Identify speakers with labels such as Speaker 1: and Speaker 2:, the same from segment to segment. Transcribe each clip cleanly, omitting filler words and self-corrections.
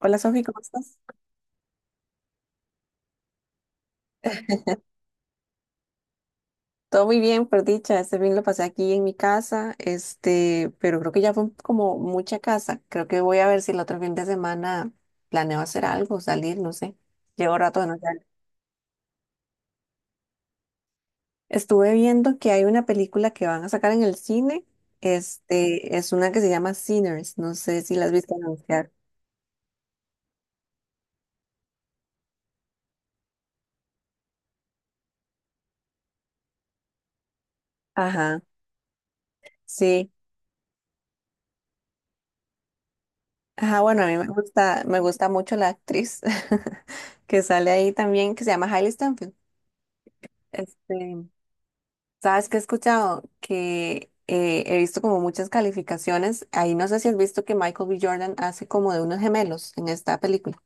Speaker 1: Hola Sofi, ¿cómo estás? Todo muy bien, por dicha. Este fin lo pasé aquí en mi casa, pero creo que ya fue como mucha casa. Creo que voy a ver si el otro fin de semana planeo hacer algo, salir, no sé. Llevo rato de no salir. Estuve viendo que hay una película que van a sacar en el cine. Es una que se llama Sinners. No sé si la has visto anunciar. Ajá, sí. Ajá, bueno, a mí me gusta mucho la actriz que sale ahí también, que se llama Hailey Steinfeld. Este, Sabes que he escuchado que he visto como muchas calificaciones. Ahí no sé si has visto que Michael B. Jordan hace como de unos gemelos en esta película.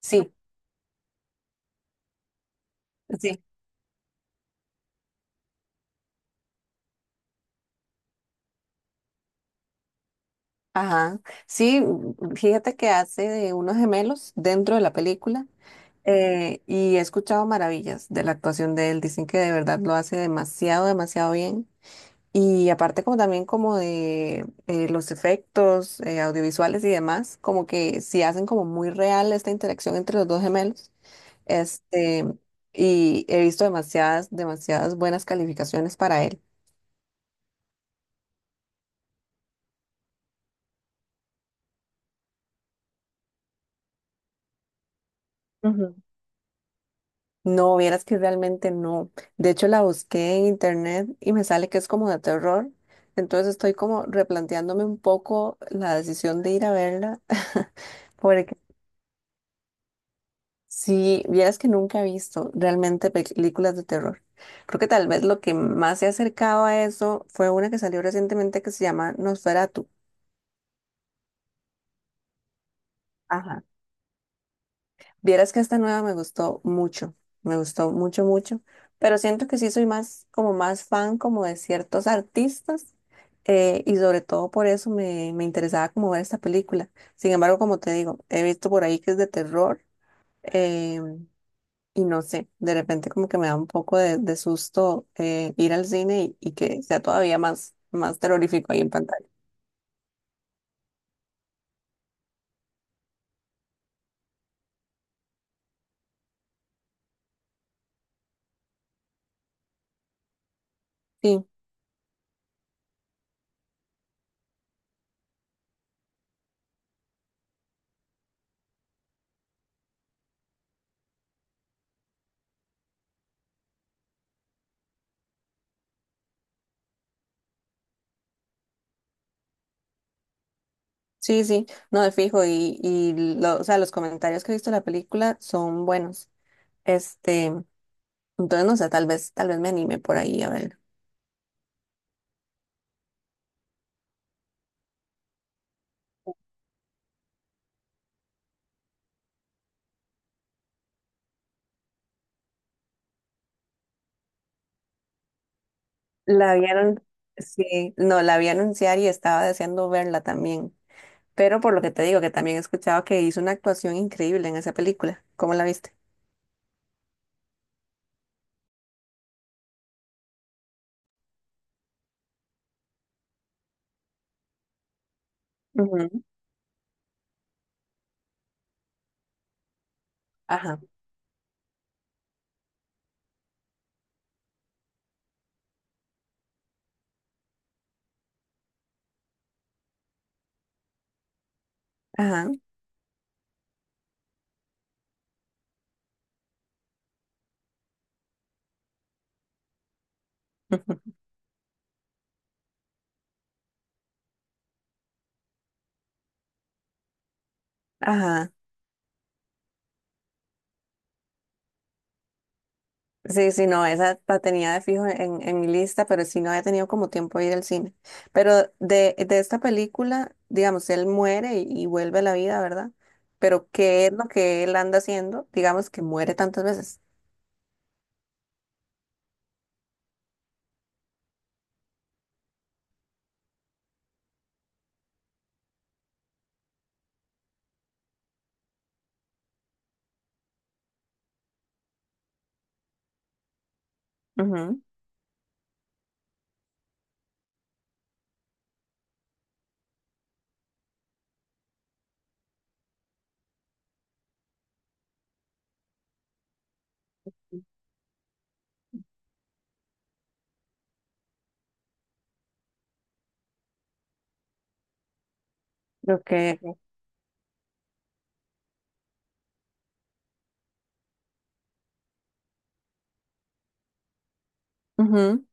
Speaker 1: Sí, sí. Ajá. Sí, fíjate que hace de unos gemelos dentro de la película. Y he escuchado maravillas de la actuación de él. Dicen que de verdad lo hace demasiado, demasiado bien. Y aparte como también como de los efectos audiovisuales y demás, como que sí hacen como muy real esta interacción entre los dos gemelos. Este, y he visto demasiadas, demasiadas buenas calificaciones para él. Ujú. No, vieras que realmente no. De hecho, la busqué en internet y me sale que es como de terror. Entonces estoy como replanteándome un poco la decisión de ir a verla. Porque si vieras que nunca he visto realmente películas de terror. Creo que tal vez lo que más se ha acercado a eso fue una que salió recientemente que se llama Nosferatu. Ajá. Vieras que esta nueva me gustó mucho, mucho, pero siento que sí soy más, como más fan como de ciertos artistas y sobre todo por eso me interesaba como ver esta película. Sin embargo, como te digo, he visto por ahí que es de terror eh, y no sé, de repente como que me da un poco de susto ir al cine y que sea todavía más, más terrorífico ahí en pantalla. Sí, sí, sí, no de fijo o sea, los comentarios que he visto de la película son buenos. Este, entonces no sé, tal vez me anime por ahí a ver. La vieron, sí, no, la vi anunciar y estaba deseando verla también. Pero por lo que te digo, que también he escuchado que hizo una actuación increíble en esa película. ¿Cómo la viste? Ujú. Ajá, ajá, ujú, ajá. Sí, sí, no, esa la tenía de fijo en mi lista, pero sí no había tenido como tiempo de ir al cine. Pero de esta película, digamos, él muere y vuelve a la vida, ¿verdad? Pero ¿qué es lo que él anda haciendo? Digamos que muere tantas veces. Ujú. Lo que... Ujú,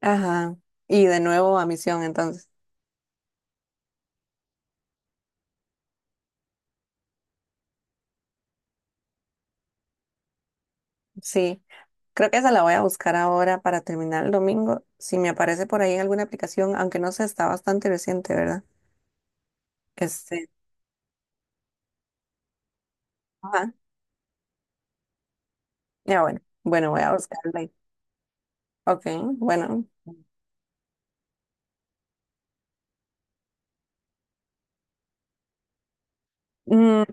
Speaker 1: ajá. Y de nuevo a misión, entonces. Sí, creo que esa la voy a buscar ahora para terminar el domingo. Si me aparece por ahí en alguna aplicación, aunque no sé, está bastante reciente, ¿verdad? Este, ajá. Ya bueno, bueno, voy a buscarla. Ok, bueno. Mm,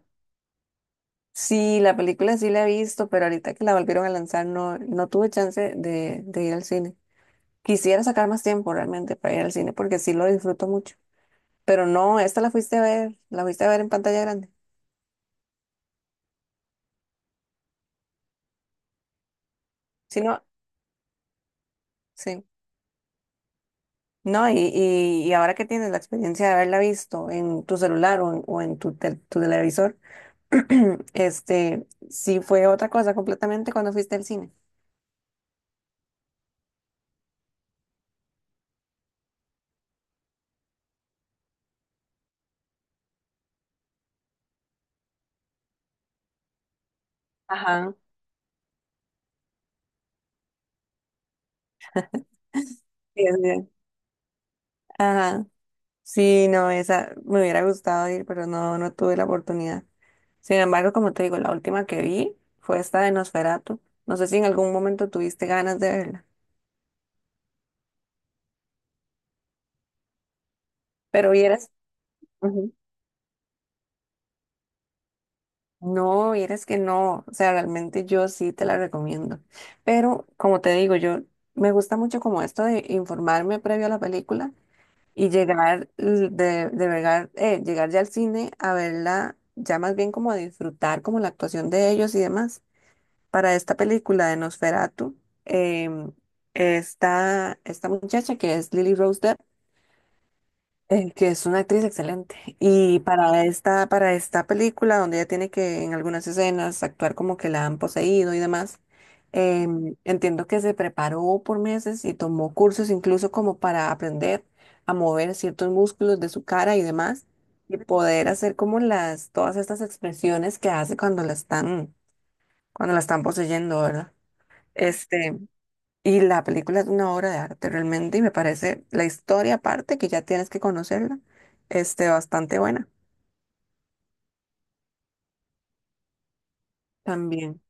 Speaker 1: sí, la película sí la he visto, pero ahorita que la volvieron a lanzar no, no tuve chance de ir al cine. Quisiera sacar más tiempo realmente para ir al cine porque sí lo disfruto mucho. Pero no, esta la fuiste a ver, la fuiste a ver en pantalla grande. Sí, no, sí. No, y ahora que tienes la experiencia de haberla visto en tu celular o en tu televisor, sí fue otra cosa completamente cuando fuiste al cine. Ajá. Sí, es bien. Ajá. Sí, no, esa me hubiera gustado ir, pero no, no tuve la oportunidad. Sin embargo, como te digo, la última que vi fue esta de Nosferatu. No sé si en algún momento tuviste ganas de verla, pero vieras, ujú. No, vieras que no, o sea, realmente yo sí te la recomiendo. Pero como te digo, yo me gusta mucho como esto de informarme previo a la película y llegar l- de llegar, llegar ya al cine a verla, ya más bien como a disfrutar como la actuación de ellos y demás. Para esta película de Nosferatu, em, está esta muchacha que es Lily Rose Depp, que es una actriz excelente. Y para esta película, donde ella tiene que en algunas escenas actuar como que la han poseído y demás, entiendo que se preparó por meses y tomó cursos incluso como para aprender a mover ciertos músculos de su cara y demás, y poder hacer como todas estas expresiones que hace cuando la están poseyendo, ¿verdad? Este, y la película es una obra de arte realmente y me parece la historia aparte, que ya tienes que conocerla, bastante buena también,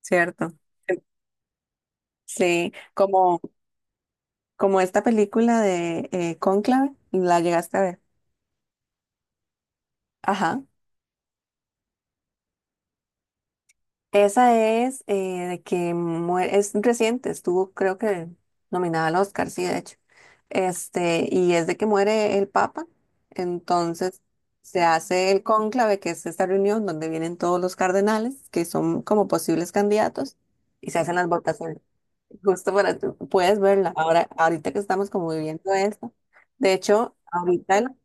Speaker 1: ¿cierto? Sí, como, esta película de Cónclave, la llegaste a ver. Ajá. Esa es, de que muere, es reciente, estuvo creo que nominada al Oscar, sí, de hecho. Y es de que muere el Papa, entonces se hace el cónclave, que es esta reunión donde vienen todos los cardenales, que son como posibles candidatos, y se hacen las votaciones. Justo para, Puedes verla ahora, ahorita que estamos como viviendo esto. De hecho, ahorita,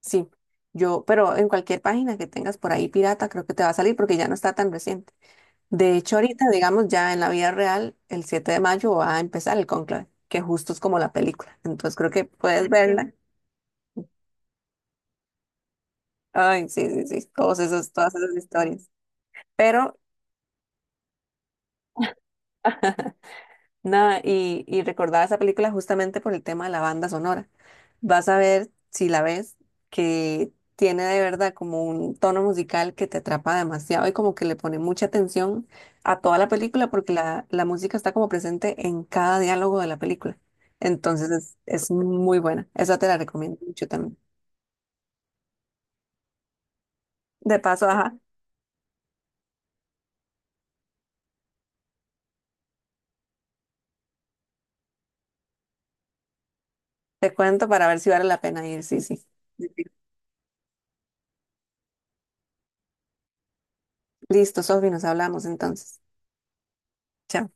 Speaker 1: sí, yo, pero en cualquier página que tengas por ahí pirata, creo que te va a salir porque ya no está tan reciente. De hecho, ahorita, digamos, ya en la vida real, el 7 de mayo va a empezar el conclave, que justo es como la película. Entonces creo que puedes verla. Ay, sí, sí, sí, todos esos, todas esas historias. Pero nada, y recordaba esa película justamente por el tema de la banda sonora. Vas a ver, si la ves, que tiene de verdad como un tono musical que te atrapa demasiado y como que le pone mucha atención a toda la película porque la música está como presente en cada diálogo de la película. Entonces es muy buena. Esa te la recomiendo mucho también. De paso, ajá, te cuento para ver si vale la pena ir. Sí, sí. Listo, Sofi, nos hablamos entonces. Chao.